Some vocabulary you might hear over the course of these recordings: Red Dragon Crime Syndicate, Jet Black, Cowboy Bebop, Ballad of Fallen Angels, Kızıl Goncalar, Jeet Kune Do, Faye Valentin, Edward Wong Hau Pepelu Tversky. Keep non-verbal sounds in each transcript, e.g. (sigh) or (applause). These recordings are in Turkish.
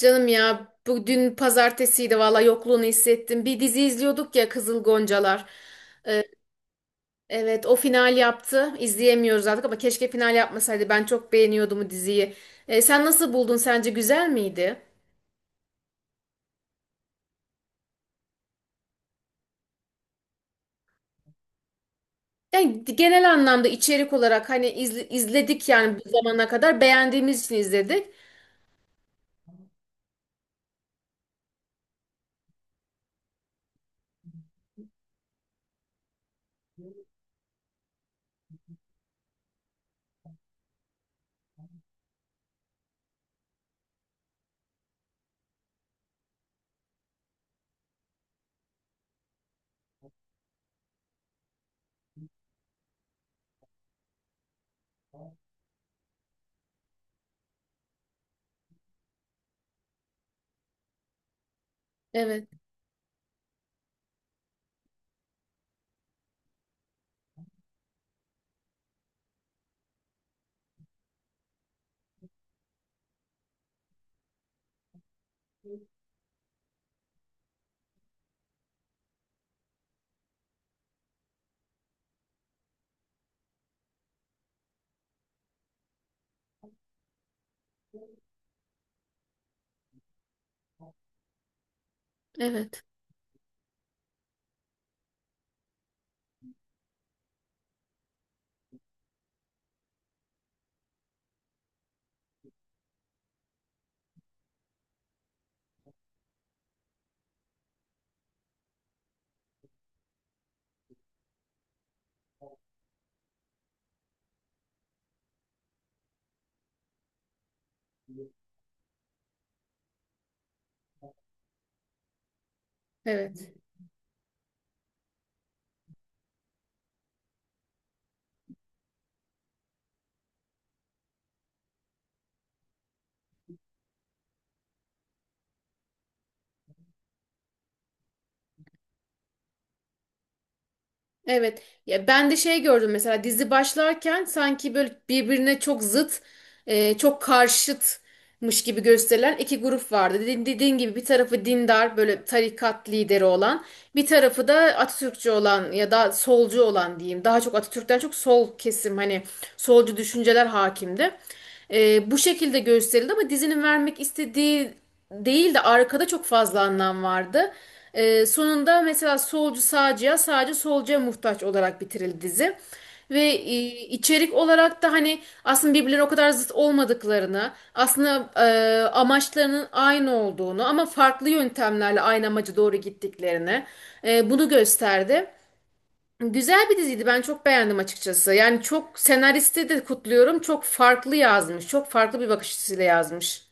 Canım ya bu dün pazartesiydi valla yokluğunu hissettim. Bir dizi izliyorduk ya, Kızıl Goncalar. Ee, evet o final yaptı. İzleyemiyoruz artık ama keşke final yapmasaydı. Ben çok beğeniyordum o diziyi. Sen nasıl buldun? Sence güzel miydi? Yani genel anlamda içerik olarak hani izledik yani bu zamana kadar beğendiğimiz için izledik. Evet, evet, evet. Evet. Ya ben de şey gördüm mesela dizi başlarken sanki böyle birbirine çok zıt, çok karşıtmış gibi gösterilen iki grup vardı. Dediğin gibi bir tarafı dindar böyle tarikat lideri olan, bir tarafı da Atatürkçü olan ya da solcu olan diyeyim. Daha çok Atatürk'ten çok sol kesim, hani solcu düşünceler hakimdi. Bu şekilde gösterildi ama dizinin vermek istediği değil de arkada çok fazla anlam vardı. Sonunda mesela solcu sağcıya, sağcı solcuya muhtaç olarak bitirildi dizi. Ve içerik olarak da hani aslında birbirleri o kadar zıt olmadıklarını, aslında amaçlarının aynı olduğunu ama farklı yöntemlerle aynı amaca doğru gittiklerini bunu gösterdi. Güzel bir diziydi. Ben çok beğendim açıkçası. Yani çok senaristi de kutluyorum. Çok farklı yazmış. Çok farklı bir bakış açısıyla yazmış.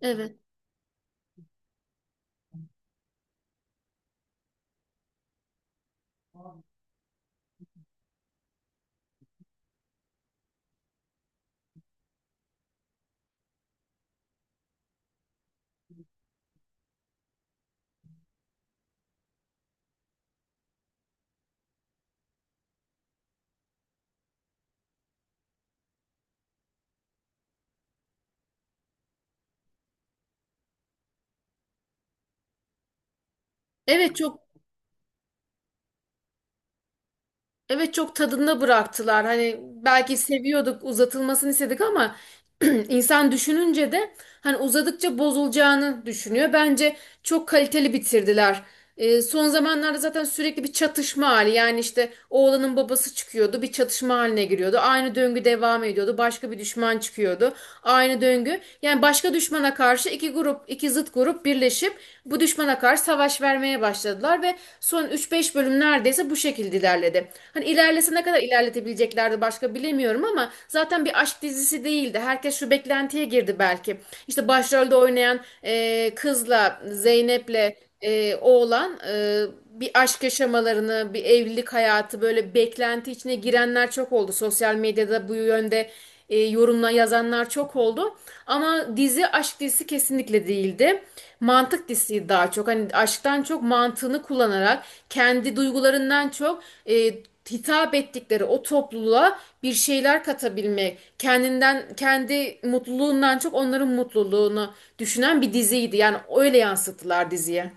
Evet. Evet, çok. Evet, çok tadında bıraktılar. Hani belki seviyorduk, uzatılmasını istedik ama (clears throat) insan düşününce de hani uzadıkça bozulacağını düşünüyor. Bence çok kaliteli bitirdiler. Son zamanlarda zaten sürekli bir çatışma hali. Yani işte oğlanın babası çıkıyordu, bir çatışma haline giriyordu. Aynı döngü devam ediyordu. Başka bir düşman çıkıyordu. Aynı döngü. Yani başka düşmana karşı iki grup, iki zıt grup birleşip bu düşmana karşı savaş vermeye başladılar ve son üç beş bölüm neredeyse bu şekilde ilerledi. Hani ilerlese ne kadar ilerletebileceklerdi başka bilemiyorum ama zaten bir aşk dizisi değildi. Herkes şu beklentiye girdi belki. İşte başrolde oynayan kızla Zeynep'le oğlan bir aşk yaşamalarını, bir evlilik hayatı, böyle beklenti içine girenler çok oldu. Sosyal medyada bu yönde yorumla yazanlar çok oldu. Ama dizi aşk dizisi kesinlikle değildi. Mantık dizisi daha çok. Hani aşktan çok mantığını kullanarak, kendi duygularından çok e, hitap ettikleri o topluluğa bir şeyler katabilmek, kendinden kendi mutluluğundan çok onların mutluluğunu düşünen bir diziydi. Yani öyle yansıttılar diziye.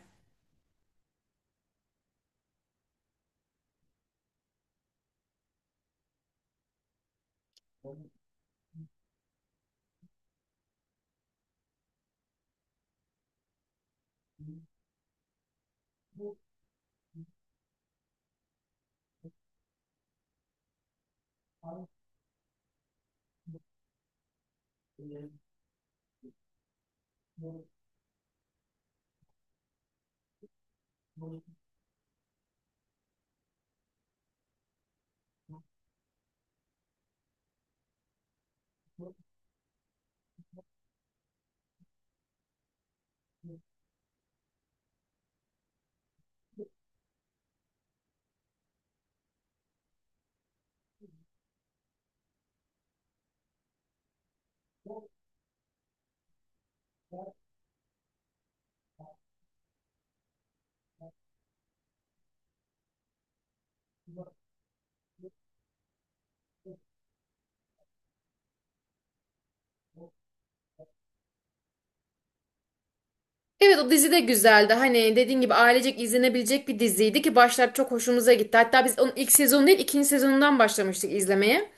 Evet, o dizi de güzeldi. Hani dediğin gibi ailecek izlenebilecek bir diziydi ki başlar çok hoşumuza gitti. Hatta biz onun ilk sezonu değil ikinci sezonundan başlamıştık izlemeye.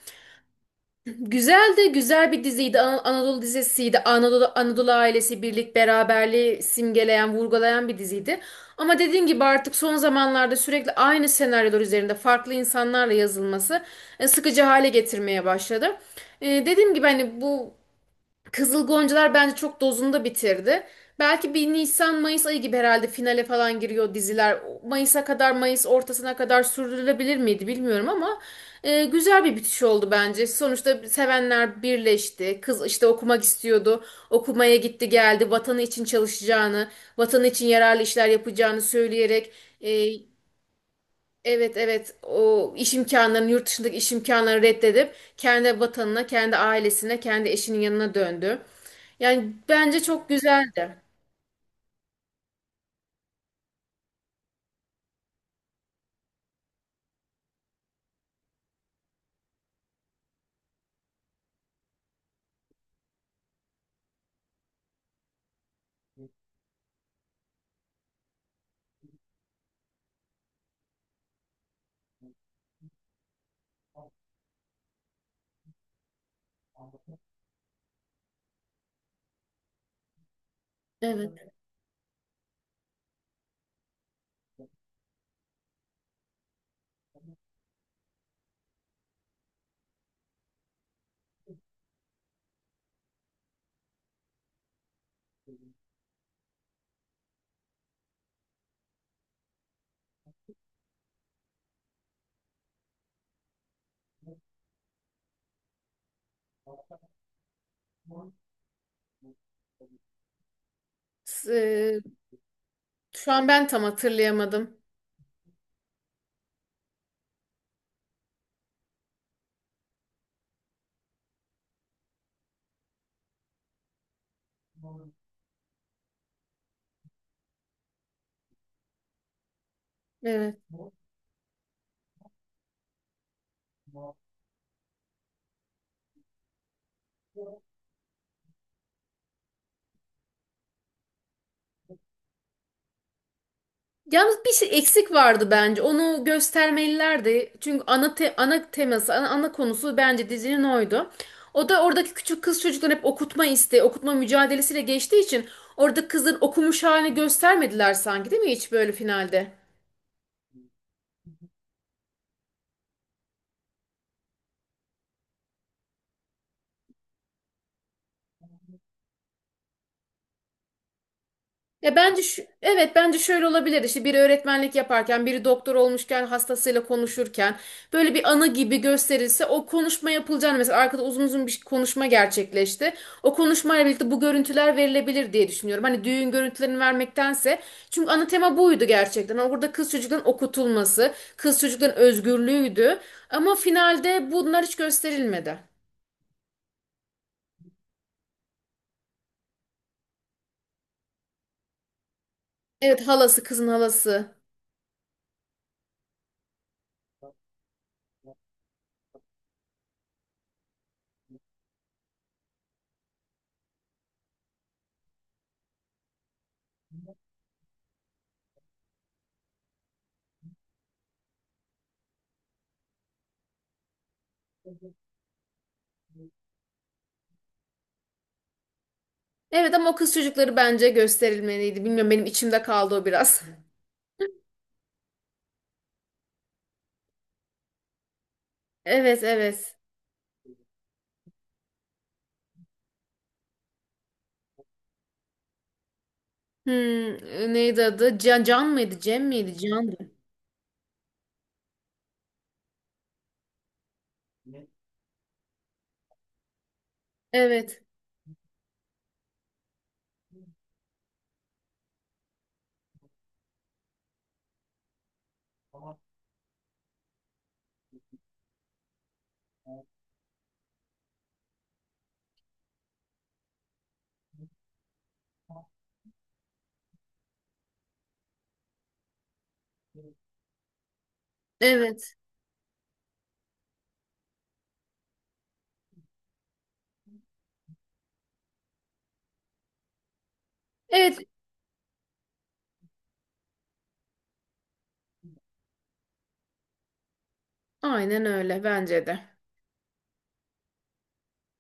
Güzeldi, güzel bir diziydi. Anadolu dizisiydi. Anadolu ailesi birlik beraberliği simgeleyen, vurgulayan bir diziydi. Ama dediğin gibi artık son zamanlarda sürekli aynı senaryolar üzerinde farklı insanlarla yazılması sıkıcı hale getirmeye başladı. E, dediğim gibi hani bu Kızıl Goncalar bence çok dozunda bitirdi. Belki bir Nisan Mayıs ayı gibi herhalde finale falan giriyor diziler. Mayıs'a kadar, Mayıs ortasına kadar sürdürülebilir miydi bilmiyorum ama güzel bir bitiş oldu bence. Sonuçta sevenler birleşti. Kız işte okumak istiyordu. Okumaya gitti geldi. Vatanı için çalışacağını, vatanı için yararlı işler yapacağını söyleyerek e, Evet, evet, o iş imkanlarını, yurt dışındaki iş imkanlarını reddedip kendi vatanına, kendi ailesine, kendi eşinin yanına döndü. Yani bence çok güzeldi. Evet. Ee, Şu an ben tam hatırlayamadım. Evet. Yalnız bir şey eksik vardı bence. Onu göstermelilerdi. Çünkü ana teması, ana konusu bence dizinin oydu. O da oradaki küçük kız çocukların hep okutma isteği, okutma mücadelesiyle geçtiği için orada kızın okumuş halini göstermediler sanki, değil mi, hiç böyle finalde? Ya bence evet bence şöyle olabilir, işte biri öğretmenlik yaparken biri doktor olmuşken hastasıyla konuşurken böyle bir anı gibi gösterilse, o konuşma yapılacağını, mesela arkada uzun uzun bir konuşma gerçekleşti. O konuşmayla birlikte bu görüntüler verilebilir diye düşünüyorum. Hani düğün görüntülerini vermektense, çünkü ana tema buydu gerçekten. Hani orada burada kız çocukların okutulması, kız çocukların özgürlüğüydü ama finalde bunlar hiç gösterilmedi. Evet, halası, kızın halası. Evet ama o kız çocukları bence gösterilmeliydi. Bilmiyorum, benim içimde kaldı o biraz. Evet, evet. Hmm, neydi adı? Can, Can mıydı? Cem miydi? Can'dı. Evet. Evet. Evet. Aynen, öyle bence de.